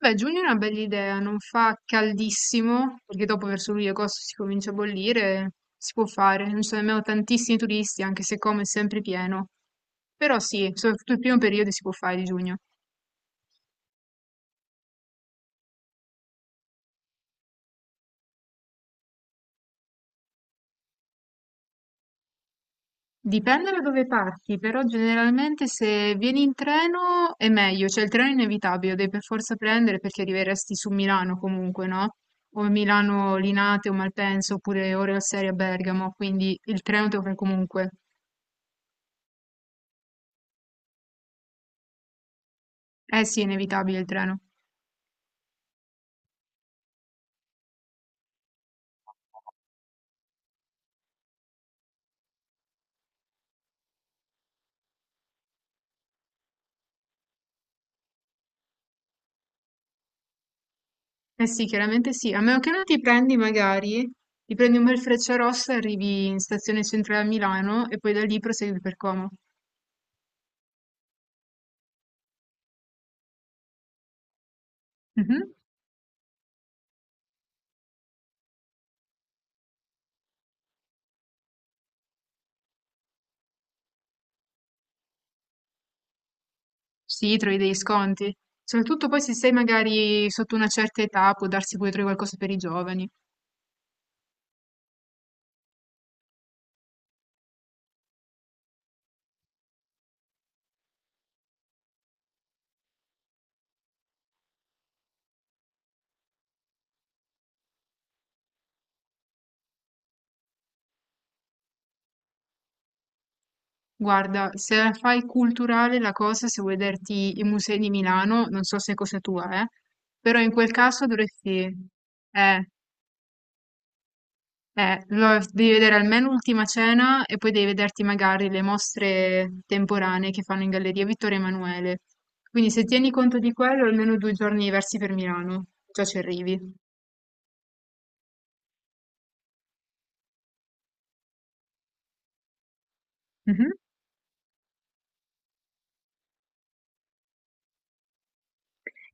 Beh, giugno è una bella idea, non fa caldissimo, perché dopo verso luglio e agosto si comincia a bollire, si può fare, non ci sono nemmeno tantissimi turisti, anche se come è sempre pieno. Però sì, soprattutto il primo periodo si può fare di giugno. Dipende da dove parti, però generalmente se vieni in treno è meglio, cioè il treno è inevitabile, lo devi per forza prendere perché arriveresti su Milano comunque, no? O Milano Linate o Malpensa, oppure ore al serie a Bergamo, quindi il treno te lo fai comunque. Eh sì, è inevitabile il treno. Eh sì, chiaramente sì, a meno che non ti prendi magari, ti prendi un bel Frecciarossa, arrivi in stazione centrale a Milano e poi da lì prosegui per Como. Mhm. Sì, trovi degli sconti. Soprattutto poi se sei magari sotto una certa età, può darsi pure trovi qualcosa per i giovani. Guarda, se la fai culturale la cosa, se vuoi vederti i musei di Milano, non so se è cosa tua, però in quel caso dovresti... Eh, Devi vedere almeno Ultima Cena e poi devi vederti magari le mostre temporanee che fanno in Galleria Vittorio Emanuele. Quindi se tieni conto di quello, almeno 2 giorni diversi per Milano, già ci arrivi. Mhm.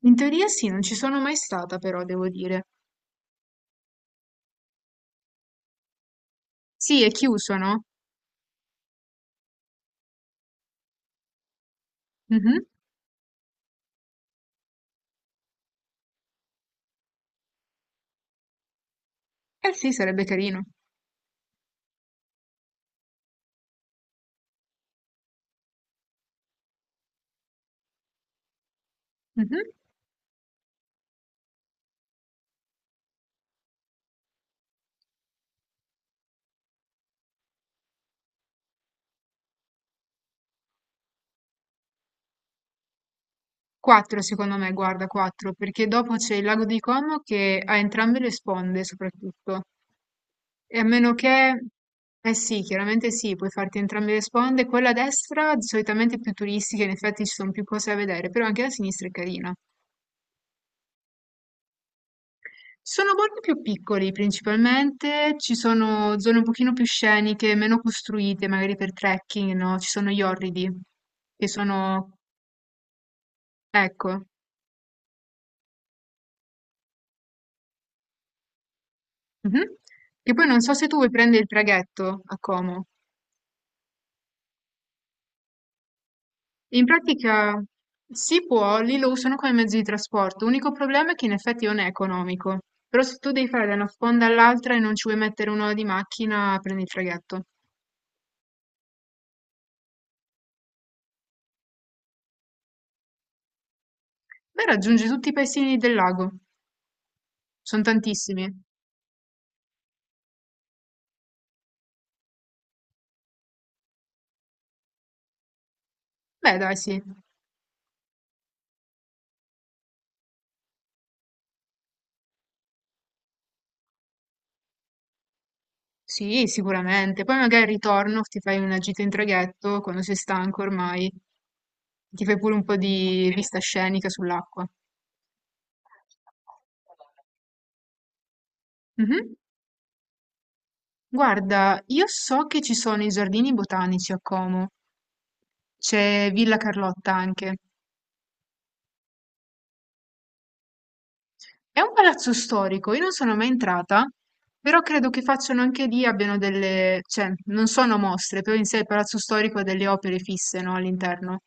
In teoria sì, non ci sono mai stata però, devo dire. Sì, è chiuso, no? Mhm. Eh sì, sarebbe carino. Mhm. Quattro, secondo me, guarda, quattro, perché dopo c'è il lago di Como che ha entrambe le sponde, soprattutto. E a meno che, eh sì, chiaramente sì, puoi farti entrambe le sponde. Quella a destra solitamente è più turistica, in effetti ci sono più cose da vedere, però anche la sinistra è carina. Sono borghi più piccoli principalmente, ci sono zone un pochino più sceniche, meno costruite, magari per trekking, no? Ci sono gli orridi, che sono, ecco. Mhm. Che poi non so se tu vuoi prendere il traghetto a Como. In pratica si può, lì lo usano come mezzo di trasporto. L'unico problema è che in effetti non è economico. Però se tu devi fare da una sponda all'altra e non ci vuoi mettere un'ora di macchina, prendi il traghetto. Beh, raggiungi tutti i paesini del lago. Sono tantissimi. Beh, dai, sì. Sì, sicuramente. Poi magari al ritorno ti fai una gita in traghetto quando sei stanco ormai. Ti fai pure un po' di vista scenica sull'acqua. Mhm. Guarda, io so che ci sono i giardini botanici a Como, c'è Villa Carlotta anche. È un palazzo storico, io non sono mai entrata, però credo che facciano anche lì, abbiano delle, cioè, non sono mostre, però in sé il palazzo storico ha delle opere fisse, no, all'interno.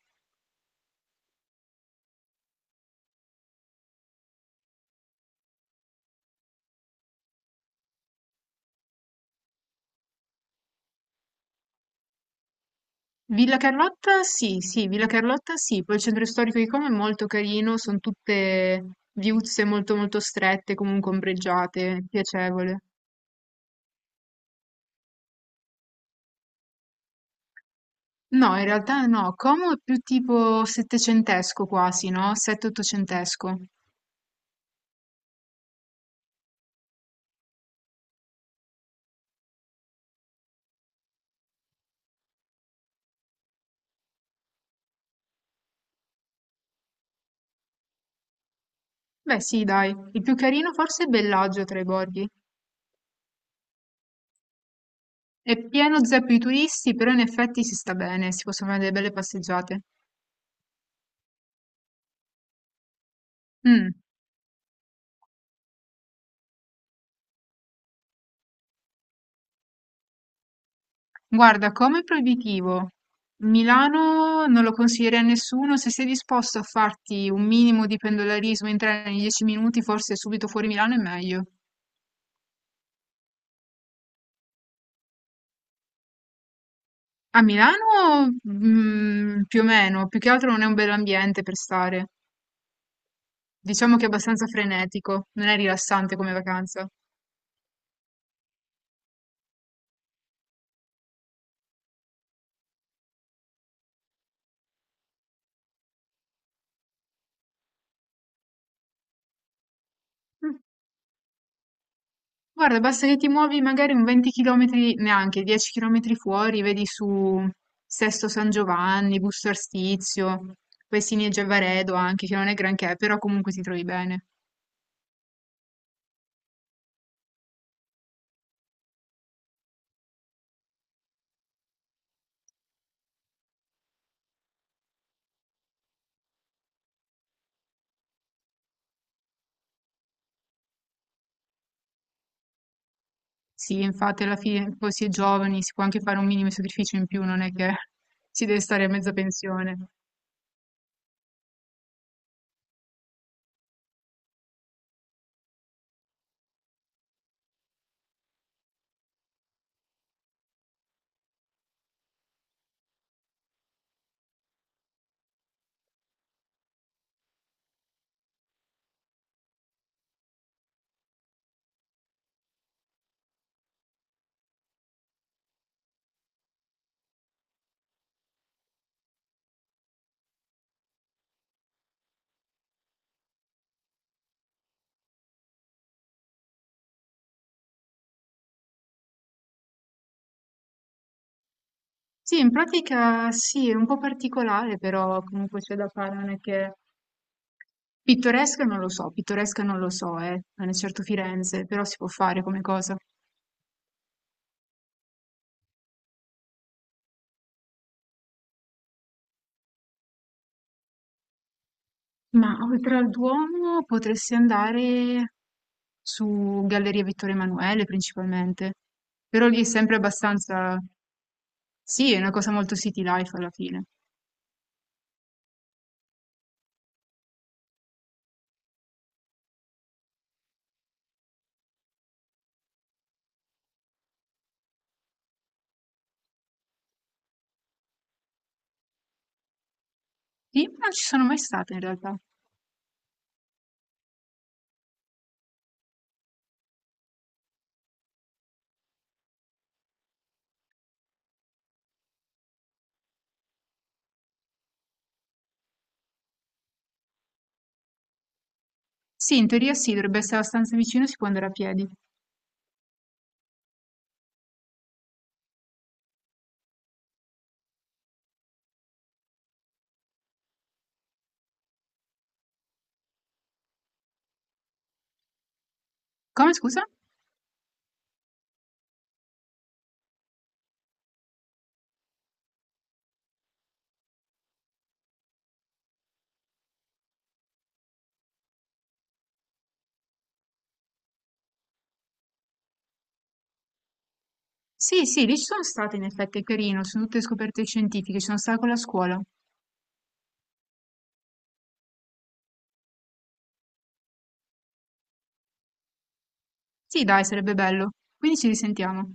Villa Carlotta, sì, sì, Villa Carlotta, sì, poi il centro storico di Como è molto carino, sono tutte viuzze molto molto strette, comunque ombreggiate, piacevole. No, in realtà no, Como è più tipo settecentesco quasi, no? Sette-ottocentesco. Beh, sì, dai, il più carino forse è Bellagio tra i borghi. È pieno zeppo di turisti, però in effetti si sta bene, si possono fare delle belle passeggiate. Mm. Guarda, Como è proibitivo. Milano non lo consiglierei a nessuno, se sei disposto a farti un minimo di pendolarismo in treno in 10 minuti, forse subito fuori Milano è meglio. A Milano, mm, più o meno, più che altro non è un bel ambiente per stare. Diciamo che è abbastanza frenetico, non è rilassante come vacanza. Mm. Guarda, basta che ti muovi magari un 20 km, neanche 10 km fuori, vedi su Sesto San Giovanni, Busto Arstizio, Pesini e Giavaredo anche, che non è granché, però comunque ti trovi bene. Sì, infatti alla fine poi si è giovani, si può anche fare un minimo sacrificio in più, non è che si deve stare a mezza pensione. Sì, in pratica sì, è un po' particolare, però comunque c'è da fare, non è che pittoresca non lo so, pittoresca non lo so, non è certo Firenze, però si può fare come cosa. Ma oltre al Duomo potresti andare su Galleria Vittorio Emanuele principalmente, però lì è sempre abbastanza... Sì, è una cosa molto city life alla fine. Sì, non ci sono mai stata in realtà. Sì, in teoria sì, dovrebbe essere abbastanza vicino, si può andare a piedi. Come, scusa? Sì, sì, lì ci sono state in effetti, è carino, sono tutte scoperte scientifiche, ci sono stata con la scuola. Sì dai, sarebbe bello, quindi ci risentiamo.